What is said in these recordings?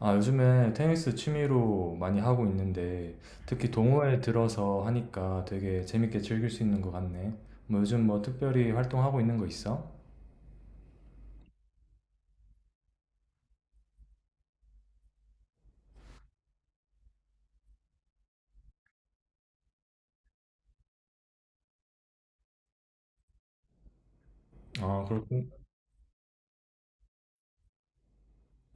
아, 요즘에 테니스 취미로 많이 하고 있는데, 특히 동호회 들어서 하니까 되게 재밌게 즐길 수 있는 것 같네. 뭐 요즘 뭐 특별히 활동하고 있는 거 있어? 아, 그렇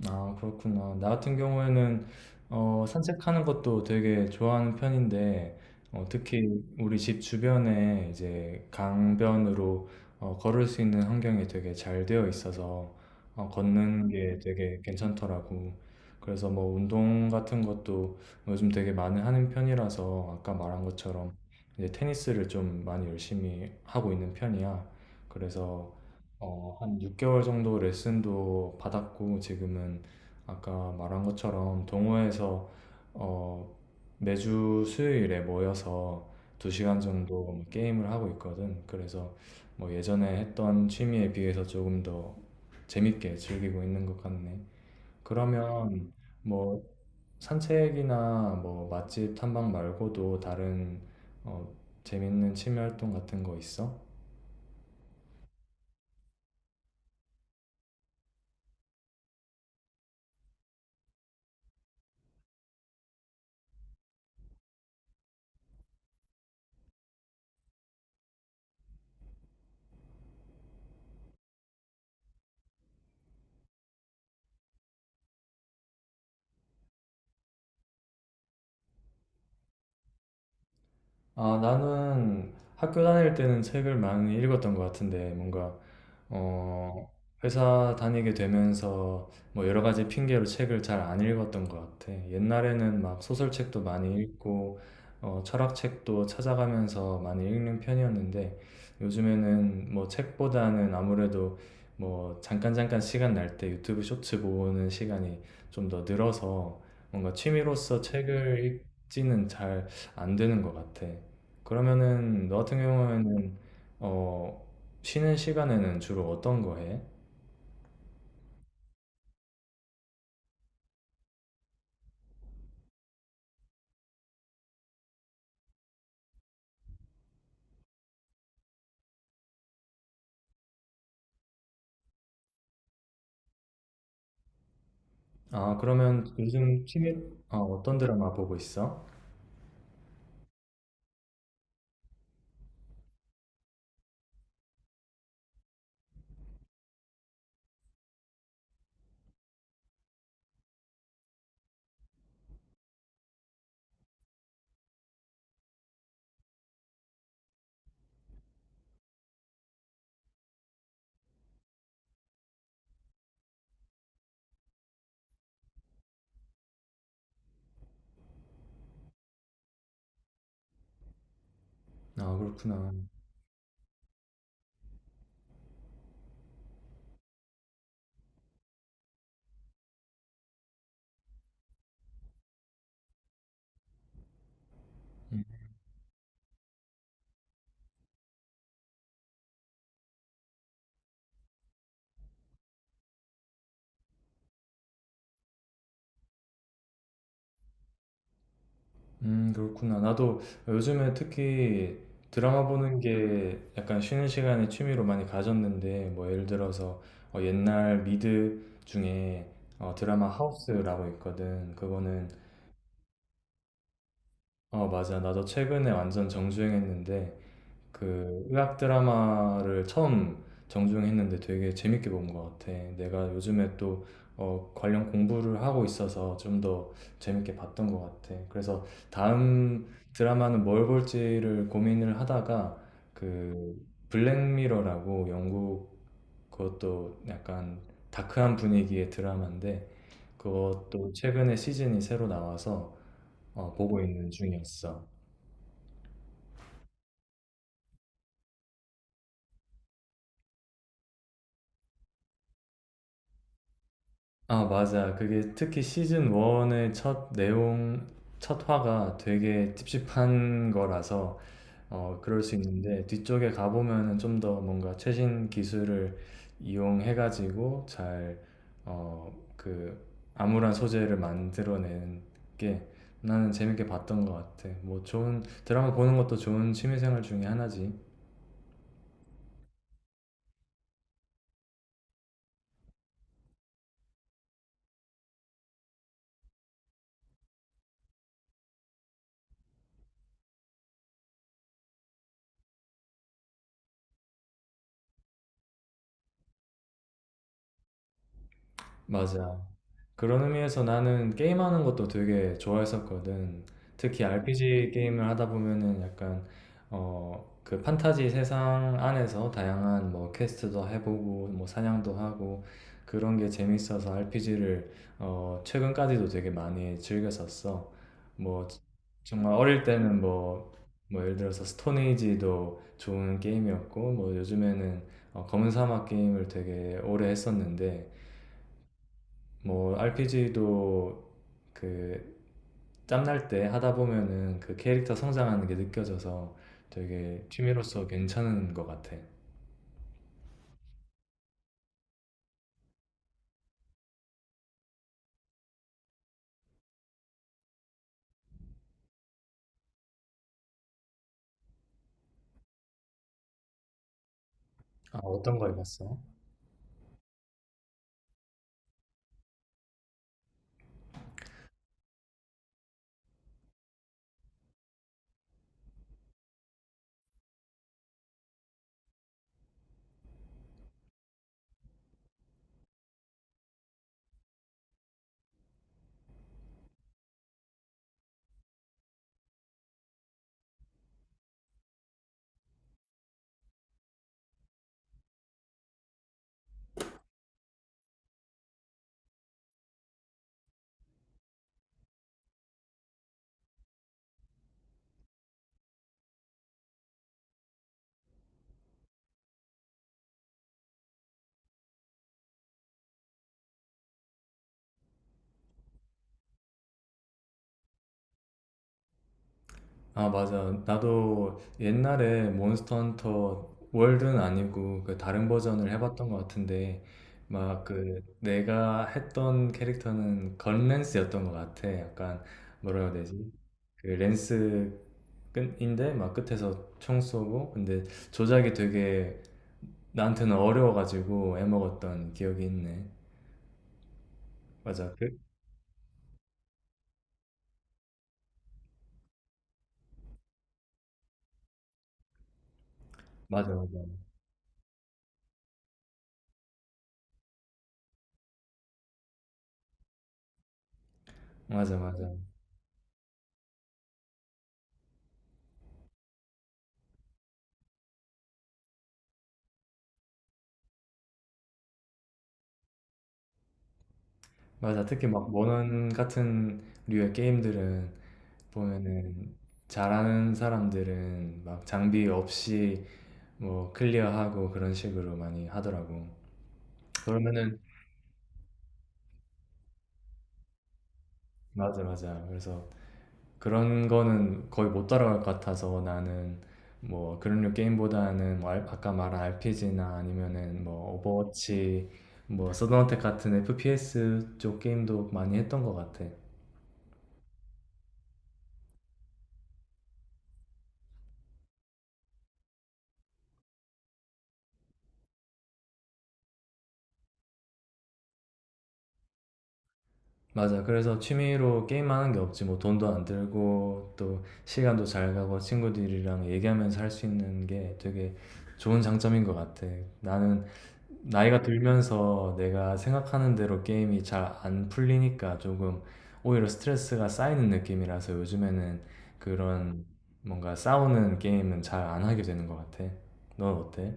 아 그렇구나. 나 같은 경우에는 산책하는 것도 되게 좋아하는 편인데 특히 우리 집 주변에 이제 강변으로 걸을 수 있는 환경이 되게 잘 되어 있어서 걷는 게 되게 괜찮더라고. 그래서 뭐 운동 같은 것도 요즘 되게 많이 하는 편이라서 아까 말한 것처럼 이제 테니스를 좀 많이 열심히 하고 있는 편이야. 그래서 한 6개월 정도 레슨도 받았고, 지금은 아까 말한 것처럼 동호회에서 어, 매주 수요일에 모여서 2시간 정도 뭐 게임을 하고 있거든. 그래서 뭐 예전에 했던 취미에 비해서 조금 더 재밌게 즐기고 있는 것 같네. 그러면 뭐 산책이나 뭐 맛집 탐방 말고도 다른 어, 재밌는 취미 활동 같은 거 있어? 아, 나는 학교 다닐 때는 책을 많이 읽었던 것 같은데, 뭔가 어, 회사 다니게 되면서 뭐 여러 가지 핑계로 책을 잘 안 읽었던 것 같아. 옛날에는 막 소설책도 많이 읽고, 철학책도 찾아가면서 많이 읽는 편이었는데, 요즘에는 뭐 책보다는 아무래도 뭐 잠깐 잠깐 시간 날 때 유튜브 쇼츠 보는 시간이 좀 더 늘어서 뭔가 취미로서 책을 읽지는 잘 안 되는 것 같아. 그러면은 너 같은 경우에는 어, 쉬는 시간에는 주로 어떤 거 해? 아, 그러면 아, 어떤 드라마 보고 있어? 아, 그렇구나. 음, 그렇구나. 나도 요즘에 특히 드라마 보는 게 약간 쉬는 시간에 취미로 많이 가졌는데, 뭐 예를 들어서 옛날 미드 중에 드라마 하우스라고 있거든. 그거는, 맞아. 나도 최근에 완전 정주행했는데, 그 의학 드라마를 처음 정주행했는데 되게 재밌게 본 것 같아. 내가 요즘에 또 관련 공부를 하고 있어서 좀 더 재밌게 봤던 것 같아. 그래서 다음 드라마는 뭘 볼지를 고민을 하다가 그 블랙미러라고 영국 그것도 약간 다크한 분위기의 드라마인데 그것도 최근에 시즌이 새로 나와서 보고 있는 중이었어. 아, 맞아. 그게 특히 시즌 1의 첫 내용, 첫 화가 되게 찝찝한 거라서, 그럴 수 있는데, 뒤쪽에 가보면은 좀 더 뭔가 최신 기술을 이용해가지고 잘, 어, 그, 암울한 소재를 만들어내는 게 나는 재밌게 봤던 것 같아. 뭐, 좋은, 드라마 보는 것도 좋은 취미생활 중에 하나지. 맞아. 그런 의미에서 나는 게임하는 것도 되게 좋아했었거든. 특히 RPG 게임을 하다 보면은 약간 그 판타지 세상 안에서 다양한 뭐 퀘스트도 해보고 뭐 사냥도 하고 그런 게 재밌어서 RPG를 최근까지도 되게 많이 즐겼었어. 뭐 정말 어릴 때는 뭐 예를 들어서 스톤에이지도 좋은 게임이었고 뭐 요즘에는 검은 사막 게임을 되게 오래 했었는데 뭐 RPG도 그 짬날 때 하다 보면은 그 캐릭터 성장하는 게 느껴져서 되게 취미로서 괜찮은 것 같아. 아, 어떤 거 해봤어? 아, 맞아. 나도 옛날에 몬스터 헌터 월드는 아니고 그 다른 버전을 해봤던 것 같은데 막 그 내가 했던 캐릭터는 건랜스였던 것 같아. 약간 뭐라 해야 되지? 그 랜스 끝인데 막 끝에서 총 쏘고 근데 조작이 되게 나한테는 어려워가지고 애먹었던 기억이 있네. 맞아. 맞아 맞아 맞아 맞아 맞아. 특히 막 모넌 같은 류의 게임들은 보면은 잘하는 사람들은 막 장비 없이 뭐 클리어하고 그런 식으로 많이 하더라고. 그러면은 맞아 맞아. 그래서 그런 거는 거의 못 따라갈 것 같아서 나는 뭐 그런 류 게임보다는 뭐 아까 말한 RPG나 아니면은 뭐 오버워치 뭐 서든어택 같은 FPS 쪽 게임도 많이 했던 것 같아. 맞아. 그래서 취미로 게임하는 게 없지. 뭐 돈도 안 들고 또 시간도 잘 가고 친구들이랑 얘기하면서 할 수 있는 게 되게 좋은 장점인 것 같아. 나는 나이가 들면서 내가 생각하는 대로 게임이 잘 안 풀리니까 조금 오히려 스트레스가 쌓이는 느낌이라서 요즘에는 그런 뭔가 싸우는 게임은 잘 안 하게 되는 것 같아. 넌 어때?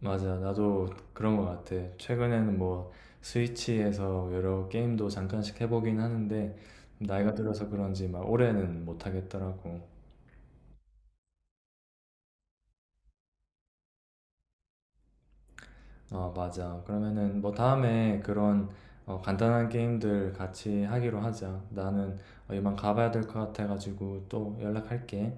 맞아, 나도 그런 것 같아. 최근에는 뭐 스위치에서 여러 게임도 잠깐씩 해보긴 하는데 나이가 들어서 그런지 막 오래는 못 하겠더라고. 어, 맞아. 그러면은 뭐 다음에 그런 간단한 게임들 같이 하기로 하자. 나는 이만 가봐야 될 것 같아가지고 또 연락할게.